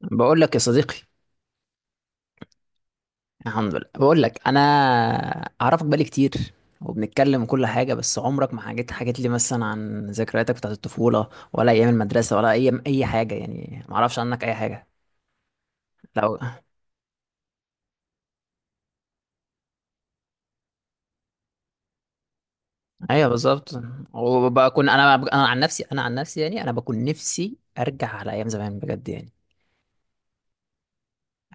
بقول لك يا صديقي. الحمد لله. بقول لك انا اعرفك بقالي كتير، وبنتكلم وكل حاجه، بس عمرك ما حكيت لي مثلا عن ذكرياتك بتاعت الطفوله، ولا ايام المدرسه، ولا ايام اي حاجه. يعني ما اعرفش عنك اي حاجه. لو ايوه بالظبط. وبكون انا عن نفسي، انا عن نفسي، يعني انا بكون نفسي ارجع على ايام زمان بجد يعني.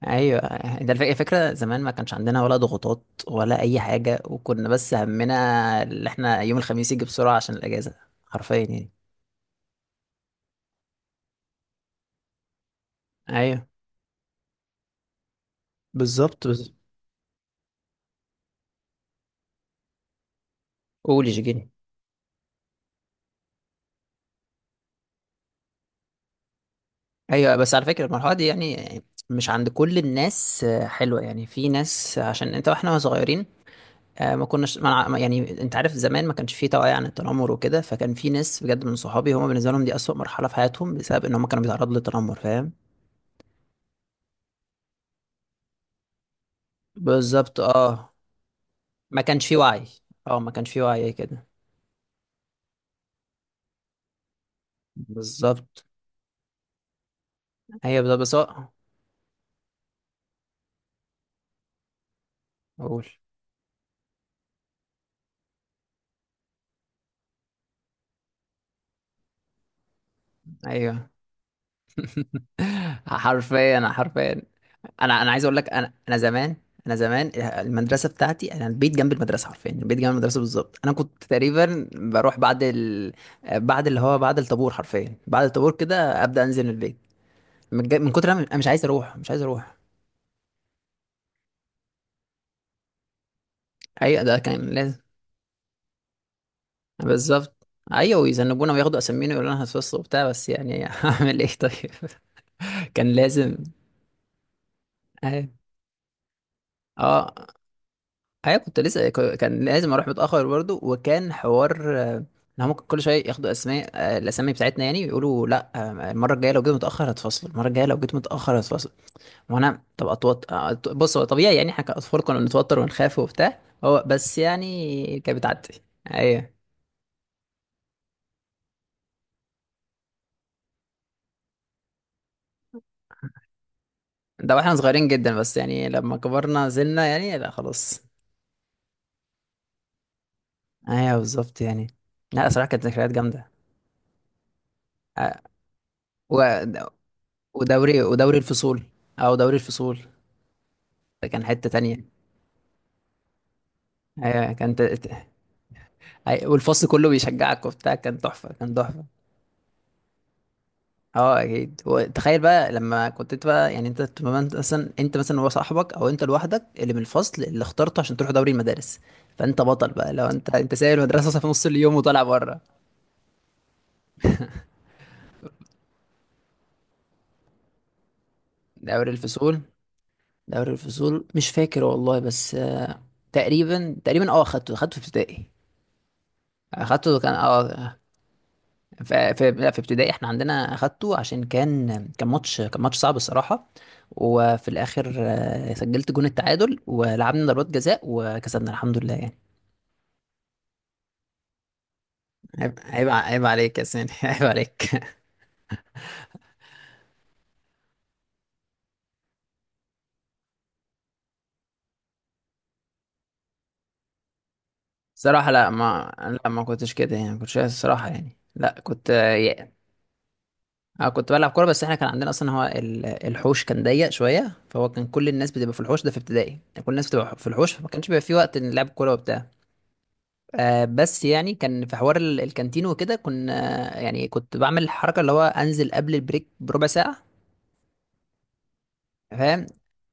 ايوه، ده الفكره زمان ما كانش عندنا ولا ضغوطات ولا اي حاجه، وكنا بس همنا اللي احنا يوم الخميس يجي بسرعه عشان الاجازه. حرفيا يعني. ايوه بالظبط. بس. قول جيجيني. ايوه، بس على فكره المرحله دي يعني مش عند كل الناس حلوه. يعني في ناس عشان انت. واحنا صغيرين، ما كناش ما نع- ما- يعني انت عارف زمان ما كانش في توعيه عن التنمر وكده، فكان في ناس بجد من صحابي هم بالنسبه لهم دي اسوأ مرحله في حياتهم بسبب ان هم كانوا بيتعرضوا للتنمر. فاهم؟ بالظبط اه. ما كانش في وعي. اه، ما كانش في وعي كده. بالظبط. ايوه بالظبط. بس قول. ايوه. حرفيا حرفيا. انا عايز اقول لك، انا زمان، انا زمان المدرسه بتاعتي، انا البيت جنب المدرسه حرفيا، البيت جنب المدرسه بالظبط. انا كنت تقريبا بروح بعد بعد اللي هو بعد الطابور، حرفيا بعد الطابور كده ابدا انزل البيت. من، من كتر ما انا مش عايز اروح، مش عايز اروح. ايوه ده كان لازم. بالظبط ايوه، ويذنبونا وياخدوا اسامينا ويقولوا لنا هتفصل وبتاع، بس يعني اعمل ايه طيب. كان لازم. أيوة. اه. ايوه كنت لسه كان لازم اروح متاخر برضو. وكان حوار ان هم كل شويه ياخدوا اسماء، الاسامي بتاعتنا يعني، ويقولوا لا، المره الجايه لو جيت متاخر هتفصل، المره الجايه لو جيت متاخر هتفصل. وانا طب اتوتر، بص هو طبيعي يعني، احنا كاطفال كنا بنتوتر ونخاف وبتاع. هو بس يعني كانت بتعدي. ايوه، ده واحنا صغيرين جدا، بس يعني لما كبرنا زلنا يعني لا خلاص. ايوه بالظبط يعني. لا صراحه كانت ذكريات جامده. آه، و- ودوري الفصول. او دوري الفصول. ده كان حته تانية. ايوه كانت. والفصل كله بيشجعك وبتاع. كان تحفه، كان تحفه. اه اكيد. وتخيل بقى لما كنت انت بقى، يعني انت تبقى انت مثلا، انت مثلا هو صاحبك او انت لوحدك اللي من الفصل اللي اخترته عشان تروح دوري المدارس. فانت بطل بقى، لو انت سايب المدرسه أصلاً في نص اليوم وطالع بره. دوري الفصول. دوري الفصول مش فاكر والله، بس تقريبا، تقريبا اه، اخدته في ابتدائي. اخدته كان اه. في لا، في ابتدائي احنا عندنا اخدته عشان كان، كان ماتش صعب الصراحه. وفي الاخر سجلت جون التعادل ولعبنا ضربات جزاء وكسبنا الحمد لله يعني. عيب عيب عيب عليك يا سيدي عيب عليك. صراحه لا ما. لا، ما كنتش كده يعني، ما كنتش الصراحه، يعني لا كنت. اه كنت بلعب كوره، بس احنا كان عندنا اصلا هو الحوش كان ضيق شويه، فهو كان كل الناس بتبقى في الحوش ده في ابتدائي، يعني كل الناس بتبقى في الحوش، فما كانش بيبقى في وقت نلعب كوره وبتاع. آه بس يعني كان في حوار الكانتين وكده كنا. يعني كنت بعمل الحركة اللي هو انزل قبل البريك بربع ساعة. فاهم.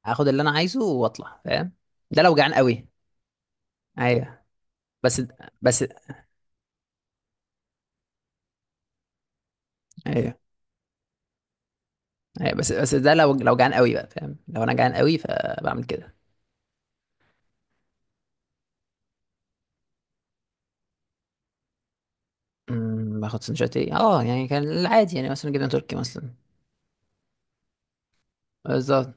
اخد اللي انا عايزه واطلع فاهم. ده لو جعان قوي. ايوه. بس. بس. ايوه. ايوه. بس. بس ده لو، لو جعان قوي بقى فاهم، لو انا جعان قوي فبعمل كده. باخد سندوتشات ايه اه، يعني كان العادي يعني مثلا جبنة تركي مثلا. بالظبط.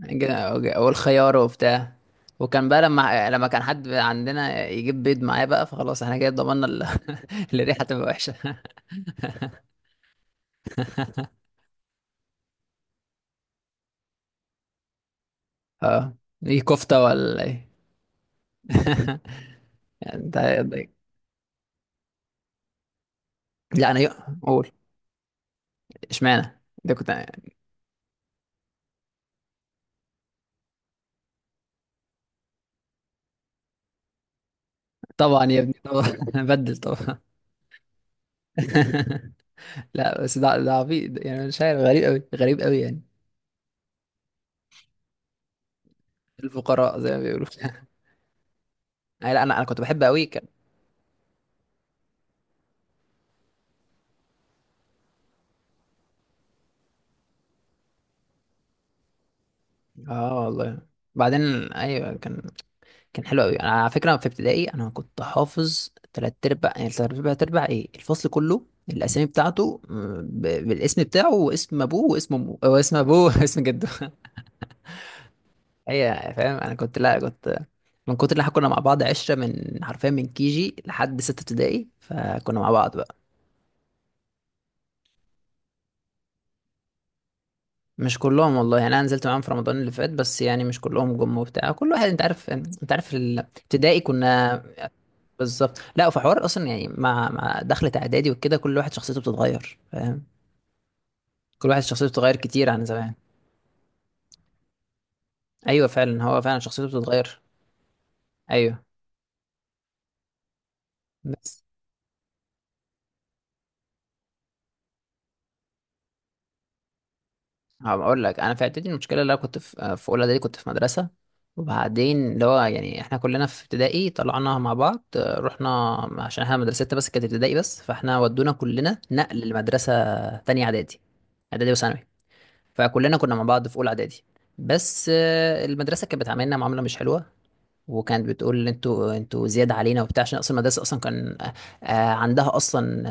والخيار وبتاع. وكان بقى لما كان حد عندنا يجيب بيض معاه بقى، فخلاص احنا كده ضمننا الريحه تبقى وحشه. اه. دي كفته ولا ايه؟ انت. لا انا قول. اشمعنى ده كنت. طبعا يا ابني طبعا بدل طبعا. لا بس ده عبيط يعني مش عارف، غريب قوي، غريب قوي يعني. الفقراء زي ما بيقولوا. أي لا انا كنت بحب قوي كان. اه والله. بعدين. ايوه كان. كان حلو قوي. انا على فكره في ابتدائي انا كنت حافظ تلات ارباع، يعني تلات ارباع تربع ايه، الفصل كله الاسامي بتاعته بالاسم بتاعه، واسم ابوه، واسم امه، واسم ابوه واسم جده. هي فاهم انا كنت لا كنت. من كتر اللي احنا كنا مع بعض 10، من حرفيا من KG لحد سته ابتدائي، فكنا مع بعض بقى. مش كلهم والله، يعني انا نزلت معاهم في رمضان اللي فات، بس يعني مش كلهم جم وبتاع. كل واحد انت عارف، انت عارف ابتدائي كنا. بالظبط. لا في حوار اصلا، يعني مع دخلة اعدادي وكده كل واحد شخصيته بتتغير فاهم. كل واحد شخصيته بتتغير كتير عن زمان. ايوه فعلا، هو فعلا شخصيته بتتغير. ايوه. بس. هبقى اقول لك، انا في اعدادي المشكله، اللي انا كنت في اولى اعدادي كنت في مدرسه. وبعدين اللي هو يعني احنا كلنا في ابتدائي طلعنا مع بعض، رحنا عشان احنا مدرستنا بس كانت ابتدائي بس، فاحنا ودونا كلنا نقل لمدرسه تانية اعدادي. اعدادي وثانوي. فكلنا كنا مع بعض في اولى اعدادي. بس المدرسه كانت بتعاملنا معامله مش حلوه، وكانت بتقول انتوا زياده علينا وبتاع، عشان اصلا المدرسه اصلا كان عندها اصلا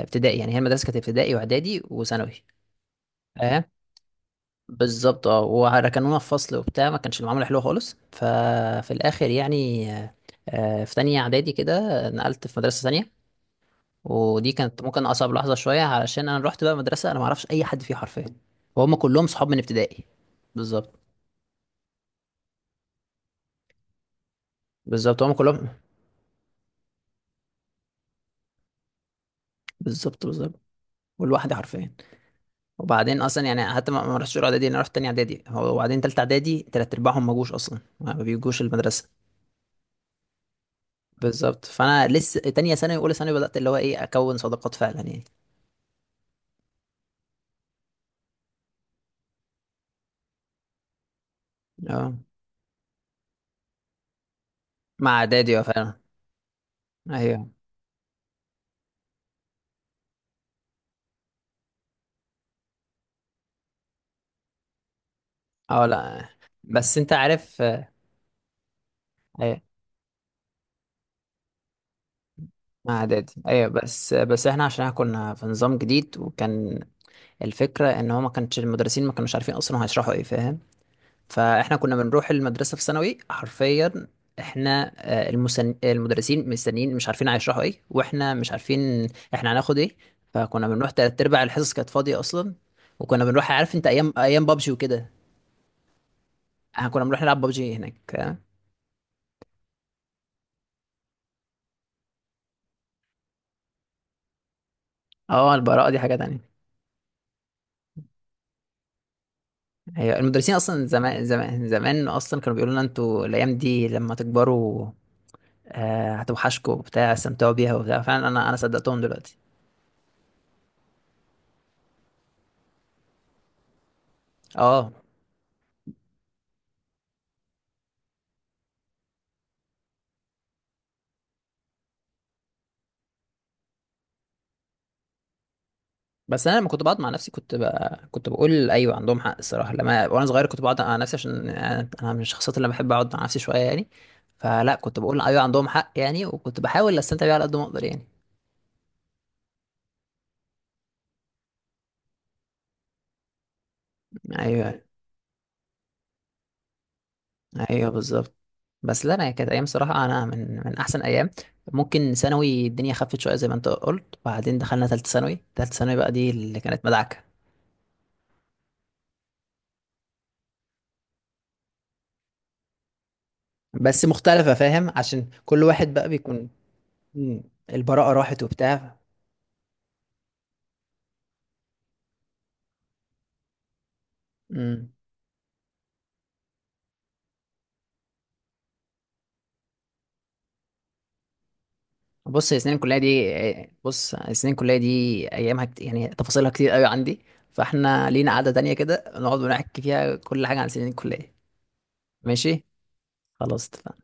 ابتدائي يعني. هي المدرسه كانت ابتدائي واعدادي وثانوي. اه بالظبط اه، وركنونا في فصل وبتاع، ما كانش المعامله حلوه خالص. ففي الاخر يعني في تانية اعدادي كده نقلت في مدرسه تانية. ودي كانت ممكن اصعب لحظه شويه، علشان انا رحت بقى مدرسه انا ما اعرفش اي حد فيها حرفيا، وهم كلهم صحاب من ابتدائي. بالظبط. بالظبط هم كلهم. بالظبط. بالظبط. والواحد حرفيا. وبعدين اصلا يعني حتى ما رحتش اولى اعدادي، انا رحت تاني اعدادي وبعدين تالتة اعدادي تلات ارباعهم ما جوش اصلا، ما بيجوش المدرسه. بالظبط. فانا لسه تانية ثانوي واولى ثانوي بدات اللي هو ايه اكون صداقات فعلا يعني. اه. مع اعدادي اه فعلا. ايوه. اه. لا بس انت عارف ايوه. مع اعدادي ايوه. بس بس احنا عشان احنا كنا في نظام جديد وكان، الفكره ان هو ما كانش المدرسين ما كانوش عارفين اصلا هيشرحوا ايه فاهم. فاحنا كنا بنروح المدرسه في ثانوي حرفيا. احنا المدرسين مستنيين مش عارفين هيشرحوا ايه، واحنا مش عارفين احنا هناخد ايه. فكنا بنروح تلات ارباع الحصص كانت فاضيه اصلا. وكنا بنروح عارف انت ايام، ايام بابجي وكده، احنا كنا بنروح نلعب بابجي هناك. اه البراءه دي حاجه تانية. هي المدرسين اصلا زمان زمان زمان اصلا كانوا بيقولوا لنا، انتوا الايام دي لما تكبروا هتوحشكوا وبتاع استمتعوا بيها وبتاع، فعلا انا صدقتهم دلوقتي. اه بس انا لما كنت بقعد مع نفسي كنت بقى، كنت بقول ايوه عندهم حق الصراحه. لما وانا صغير كنت بقعد مع نفسي عشان أنا من الشخصيات اللي بحب اقعد مع نفسي شويه يعني. فلا كنت بقول ايوه عندهم حق يعني، وكنت بحاول استمتع بيها على قد ما اقدر يعني. ايوه. ايوه بالظبط. بس لا انا كانت ايام صراحه، انا من احسن ايام. ممكن ثانوي الدنيا خفت شويه زي ما انت قلت، وبعدين دخلنا ثالثه ثانوي. ثالثه ثانوي بقى دي اللي كانت مدعكه. بس مختلفه فاهم عشان كل واحد بقى بيكون. مم، البراءه راحت وبتاع. مم. بص هي سنين الكليه دي. بص سنين الكليه دي يعني تفاصيلها كتير قوي عندي. فاحنا لينا قعده تانية كده نقعد ونحكي فيها كل حاجه عن سنين الكليه. ماشي. خلاص.